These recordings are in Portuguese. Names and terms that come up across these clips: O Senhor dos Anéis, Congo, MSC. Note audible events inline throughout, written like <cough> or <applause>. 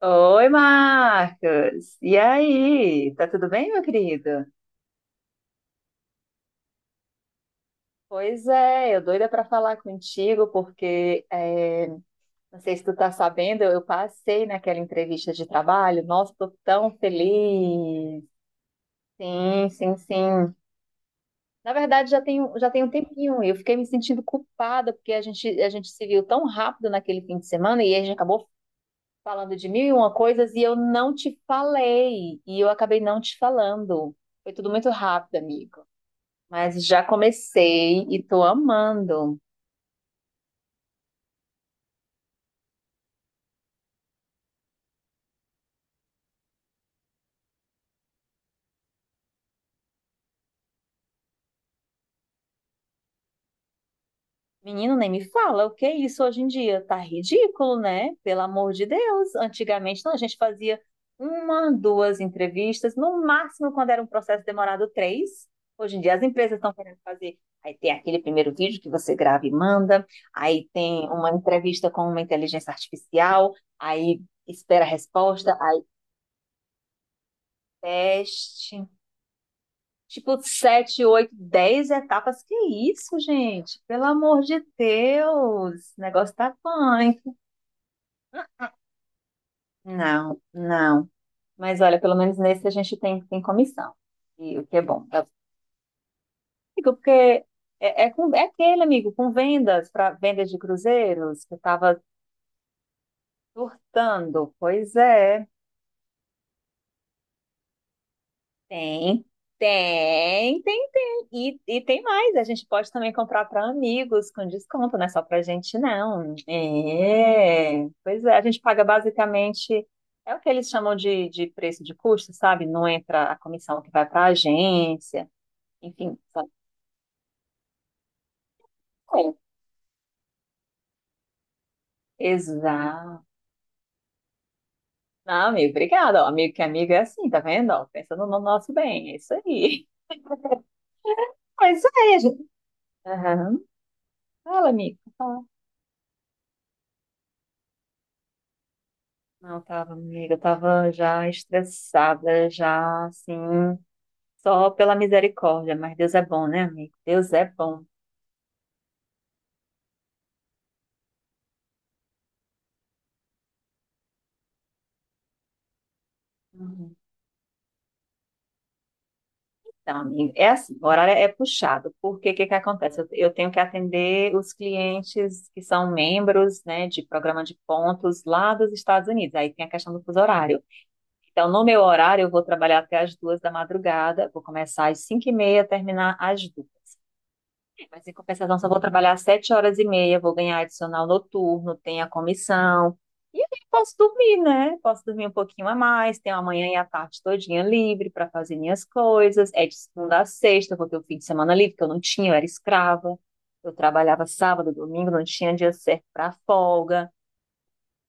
Oi, Marcos. E aí? Tá tudo bem, meu querido? Pois é, eu doida para falar contigo porque não sei se tu tá sabendo, eu passei naquela entrevista de trabalho. Nossa, tô tão feliz. Sim, sim, sim. Na verdade, já tem um tempinho. Eu fiquei me sentindo culpada porque a gente se viu tão rápido naquele fim de semana e a gente acabou falando de mil e uma coisas e eu não te falei. E eu acabei não te falando. Foi tudo muito rápido, amigo. Mas já comecei e tô amando. Menino, nem me fala, o que é isso hoje em dia? Tá ridículo, né? Pelo amor de Deus. Antigamente, não, a gente fazia uma, duas entrevistas, no máximo, quando era um processo demorado, três. Hoje em dia, as empresas estão querendo fazer. Aí tem aquele primeiro vídeo que você grava e manda, aí tem uma entrevista com uma inteligência artificial, aí espera a resposta, aí teste. Tipo, sete, oito, 10 etapas. Que isso, gente? Pelo amor de Deus! O negócio tá punk. Não, não. Mas olha, pelo menos nesse a gente tem comissão. E o que é bom. Eu digo porque é aquele, amigo, com vendas, para vendas de cruzeiros, que eu tava surtando. Pois é. Tem, tem, tem, tem. E tem mais, a gente pode também comprar para amigos com desconto, não é só para gente, não. É, pois é, a gente paga basicamente, é o que eles chamam de preço de custo, sabe? Não entra a comissão que vai para a agência, enfim, sabe? É, exato. Não, amigo, obrigada. Ó. Amigo que é amigo é assim, tá vendo? Ó, pensando no nosso bem, é isso aí. <laughs> Pois é, gente. Aham. Fala, amigo. Não, tava, amiga, eu tava já estressada, já assim, só pela misericórdia, mas Deus é bom, né, amigo? Deus é bom. Uhum. Então, amigo, é assim, o horário é puxado, porque o que que acontece? Eu tenho que atender os clientes que são membros, né, de programa de pontos lá dos Estados Unidos, aí tem a questão do fuso horário. Então, no meu horário, eu vou trabalhar até as 2h da madrugada, vou começar às 5h30, terminar às duas. Mas em compensação, só vou trabalhar sete horas e meia, vou ganhar adicional noturno, tem a comissão. E aí posso dormir, né? Posso dormir um pouquinho a mais, tenho a manhã e a tarde todinha livre para fazer minhas coisas. É de segunda a sexta, vou ter o fim de semana livre, que eu não tinha, eu era escrava. Eu trabalhava sábado, domingo, não tinha dia certo para folga.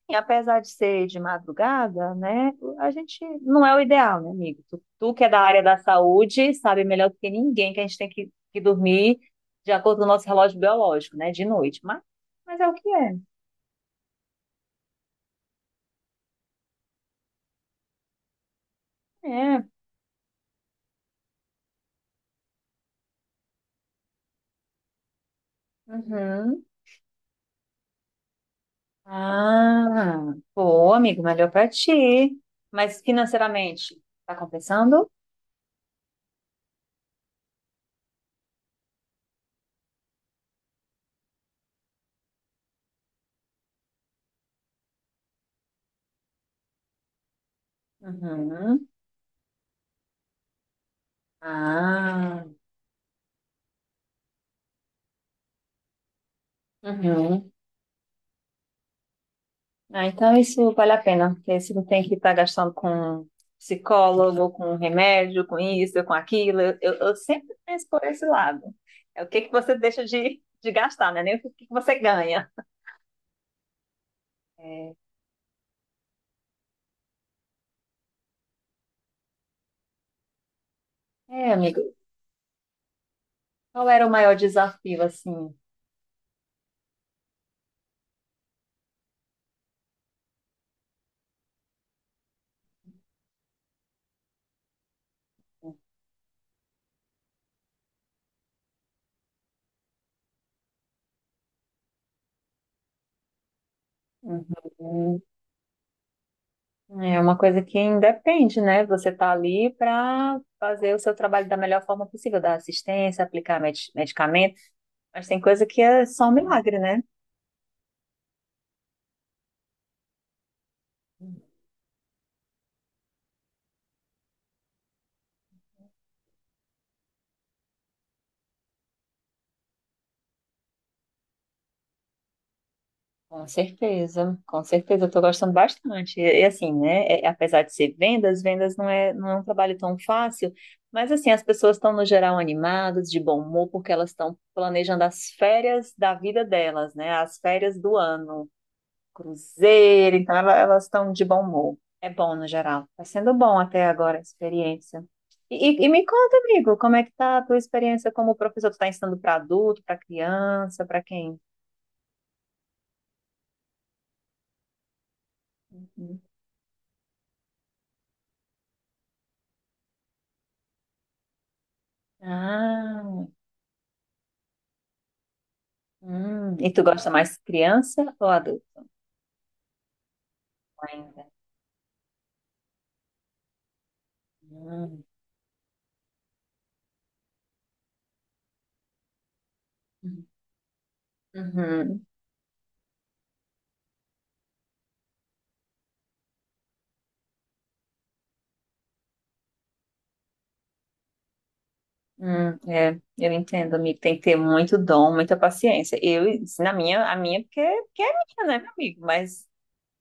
E apesar de ser de madrugada, né, a gente não é o ideal, né, amigo? Tu que é da área da saúde sabe melhor do que ninguém que a gente tem que dormir de acordo com o nosso relógio biológico, né, de noite. Mas é o que é. É. Uhum. Ah, pô, amigo, melhor pra ti. Mas financeiramente, tá compensando? Uhum. Ah, uhum. Ah, então isso vale a pena, porque você não tem que estar gastando com psicólogo, com remédio, com isso, com aquilo. Eu sempre penso por esse lado. É o que que você deixa de gastar, né? Nem o que que você ganha. É, é, amigo, qual era o maior desafio, assim? Uhum. É uma coisa que independe, né? Você tá ali para fazer o seu trabalho da melhor forma possível, dar assistência, aplicar medicamento, mas tem coisa que é só um milagre, né? Com certeza, eu tô gostando bastante. E assim, né, apesar de ser vendas, vendas não é um trabalho tão fácil, mas assim, as pessoas estão no geral animadas, de bom humor, porque elas estão planejando as férias da vida delas, né, as férias do ano, cruzeiro, então elas estão de bom humor. É bom no geral, está sendo bom até agora a experiência. E me conta, amigo, como é que tá a tua experiência como professor? Tu está ensinando para adulto, para criança, para quem? Uhum. Ah, e tu gosta mais criança ou adulto ainda? Hum, uhum, É, eu entendo, amigo. Tem que ter muito dom, muita paciência. Eu, isso na minha, a minha, porque é minha, né, meu amigo? Mas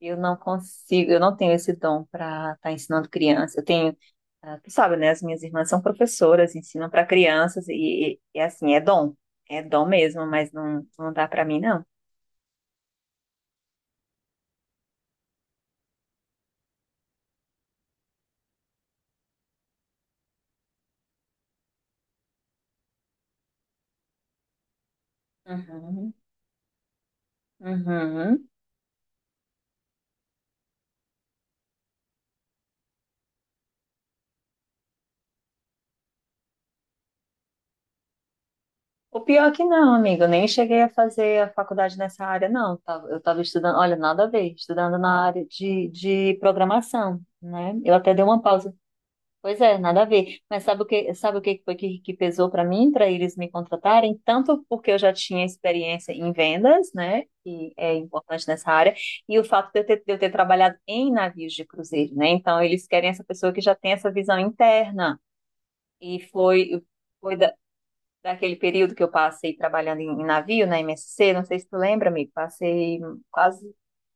eu não consigo, eu não tenho esse dom para estar ensinando criança. Eu tenho, ah, tu sabe, né? As minhas irmãs são professoras, ensinam para crianças e, assim, é dom. É dom mesmo, mas não, não dá para mim, não. Uhum, uhum. O pior é que não, amigo, eu nem cheguei a fazer a faculdade nessa área, não. Eu estava estudando, olha, nada a ver, estudando na área de programação, né? Eu até dei uma pausa. Pois é, nada a ver. Mas sabe o que foi que pesou para mim, para eles me contratarem? Tanto porque eu já tinha experiência em vendas, né? Que é importante nessa área, e o fato de eu ter trabalhado em navios de cruzeiro, né? Então, eles querem essa pessoa que já tem essa visão interna. E foi daquele período que eu passei trabalhando em navio, na MSC, não sei se tu lembra, amigo, passei quase,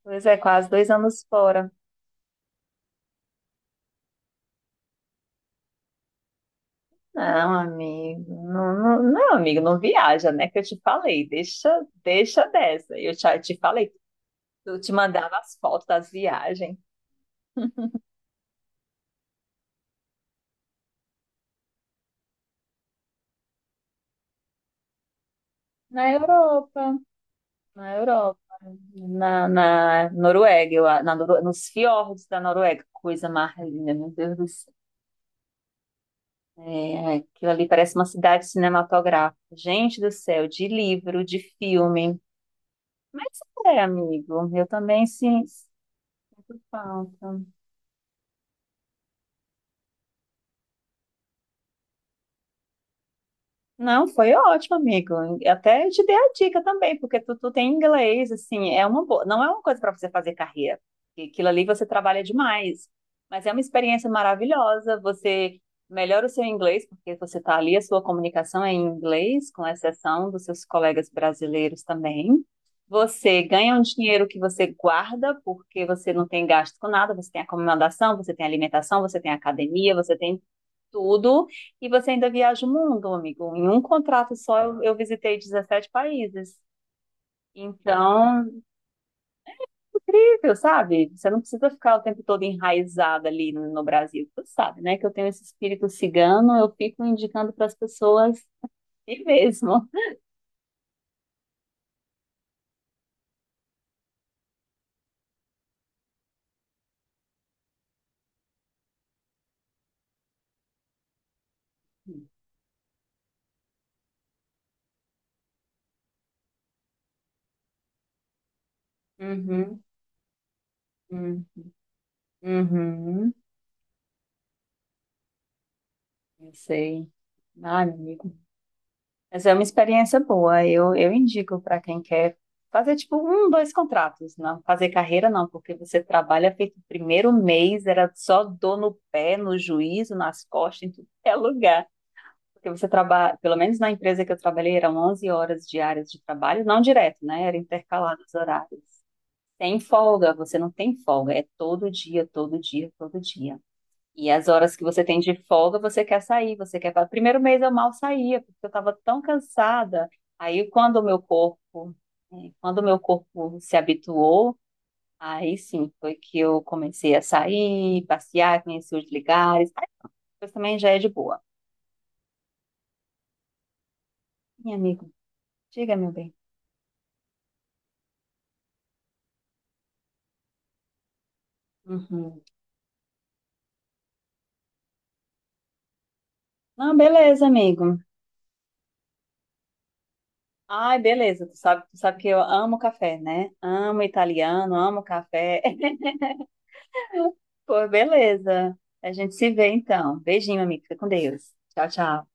pois é, quase 2 anos fora. Não, amigo, não, não, não, amigo, não viaja, né, que eu te falei, deixa dessa, eu te falei, eu te mandava as fotos das viagens na Europa, na Europa, na Noruega, eu, a- na, Noru- nos fiordes da Noruega, coisa mais linda, meu Deus do. É, aquilo ali parece uma cidade cinematográfica. Gente do céu, de livro, de filme. Mas é, amigo, eu também sim, sinto falta. Não, foi ótimo, amigo. Até eu te dei a dica também, porque tu tem inglês, assim, é uma boa, não é uma coisa para você fazer carreira. Porque aquilo ali você trabalha demais, mas é uma experiência maravilhosa. Você melhora o seu inglês, porque você está ali, a sua comunicação é em inglês, com exceção dos seus colegas brasileiros também. Você ganha um dinheiro que você guarda, porque você não tem gasto com nada, você tem acomodação, você tem alimentação, você tem academia, você tem tudo e você ainda viaja o mundo, amigo. Em um contrato só eu visitei 17 países. Então, incrível, sabe? Você não precisa ficar o tempo todo enraizada ali no Brasil. Você sabe, né? Que eu tenho esse espírito cigano, eu fico indicando para as pessoas ir mesmo. Uhum, uhum, uhum, eu sei. Ai, meu amigo. Mas é uma experiência boa. Eu indico para quem quer fazer tipo um, dois contratos, não fazer carreira não, porque você trabalha feito o primeiro mês, era só dor no pé, no juízo, nas costas, em tudo que é lugar. Porque você trabalha, pelo menos na empresa que eu trabalhei, eram 11 horas diárias de trabalho, não direto, né? Era intercalado os horários. Tem folga, você não tem folga, é todo dia, todo dia, todo dia. E as horas que você tem de folga, você quer sair, você quer. O primeiro mês eu mal saía, porque eu estava tão cansada. Aí quando o meu corpo se habituou, aí sim foi que eu comecei a sair, passear, conhecer os lugares. Aí depois também já é de boa. Ih, amigo, diga, meu bem. Uhum. Não, beleza, amigo. Ai, beleza. Tu sabe que eu amo café, né? Amo italiano, amo café, pô, beleza. A gente se vê então. Beijinho, amigo. Fica com Deus. Tchau, tchau.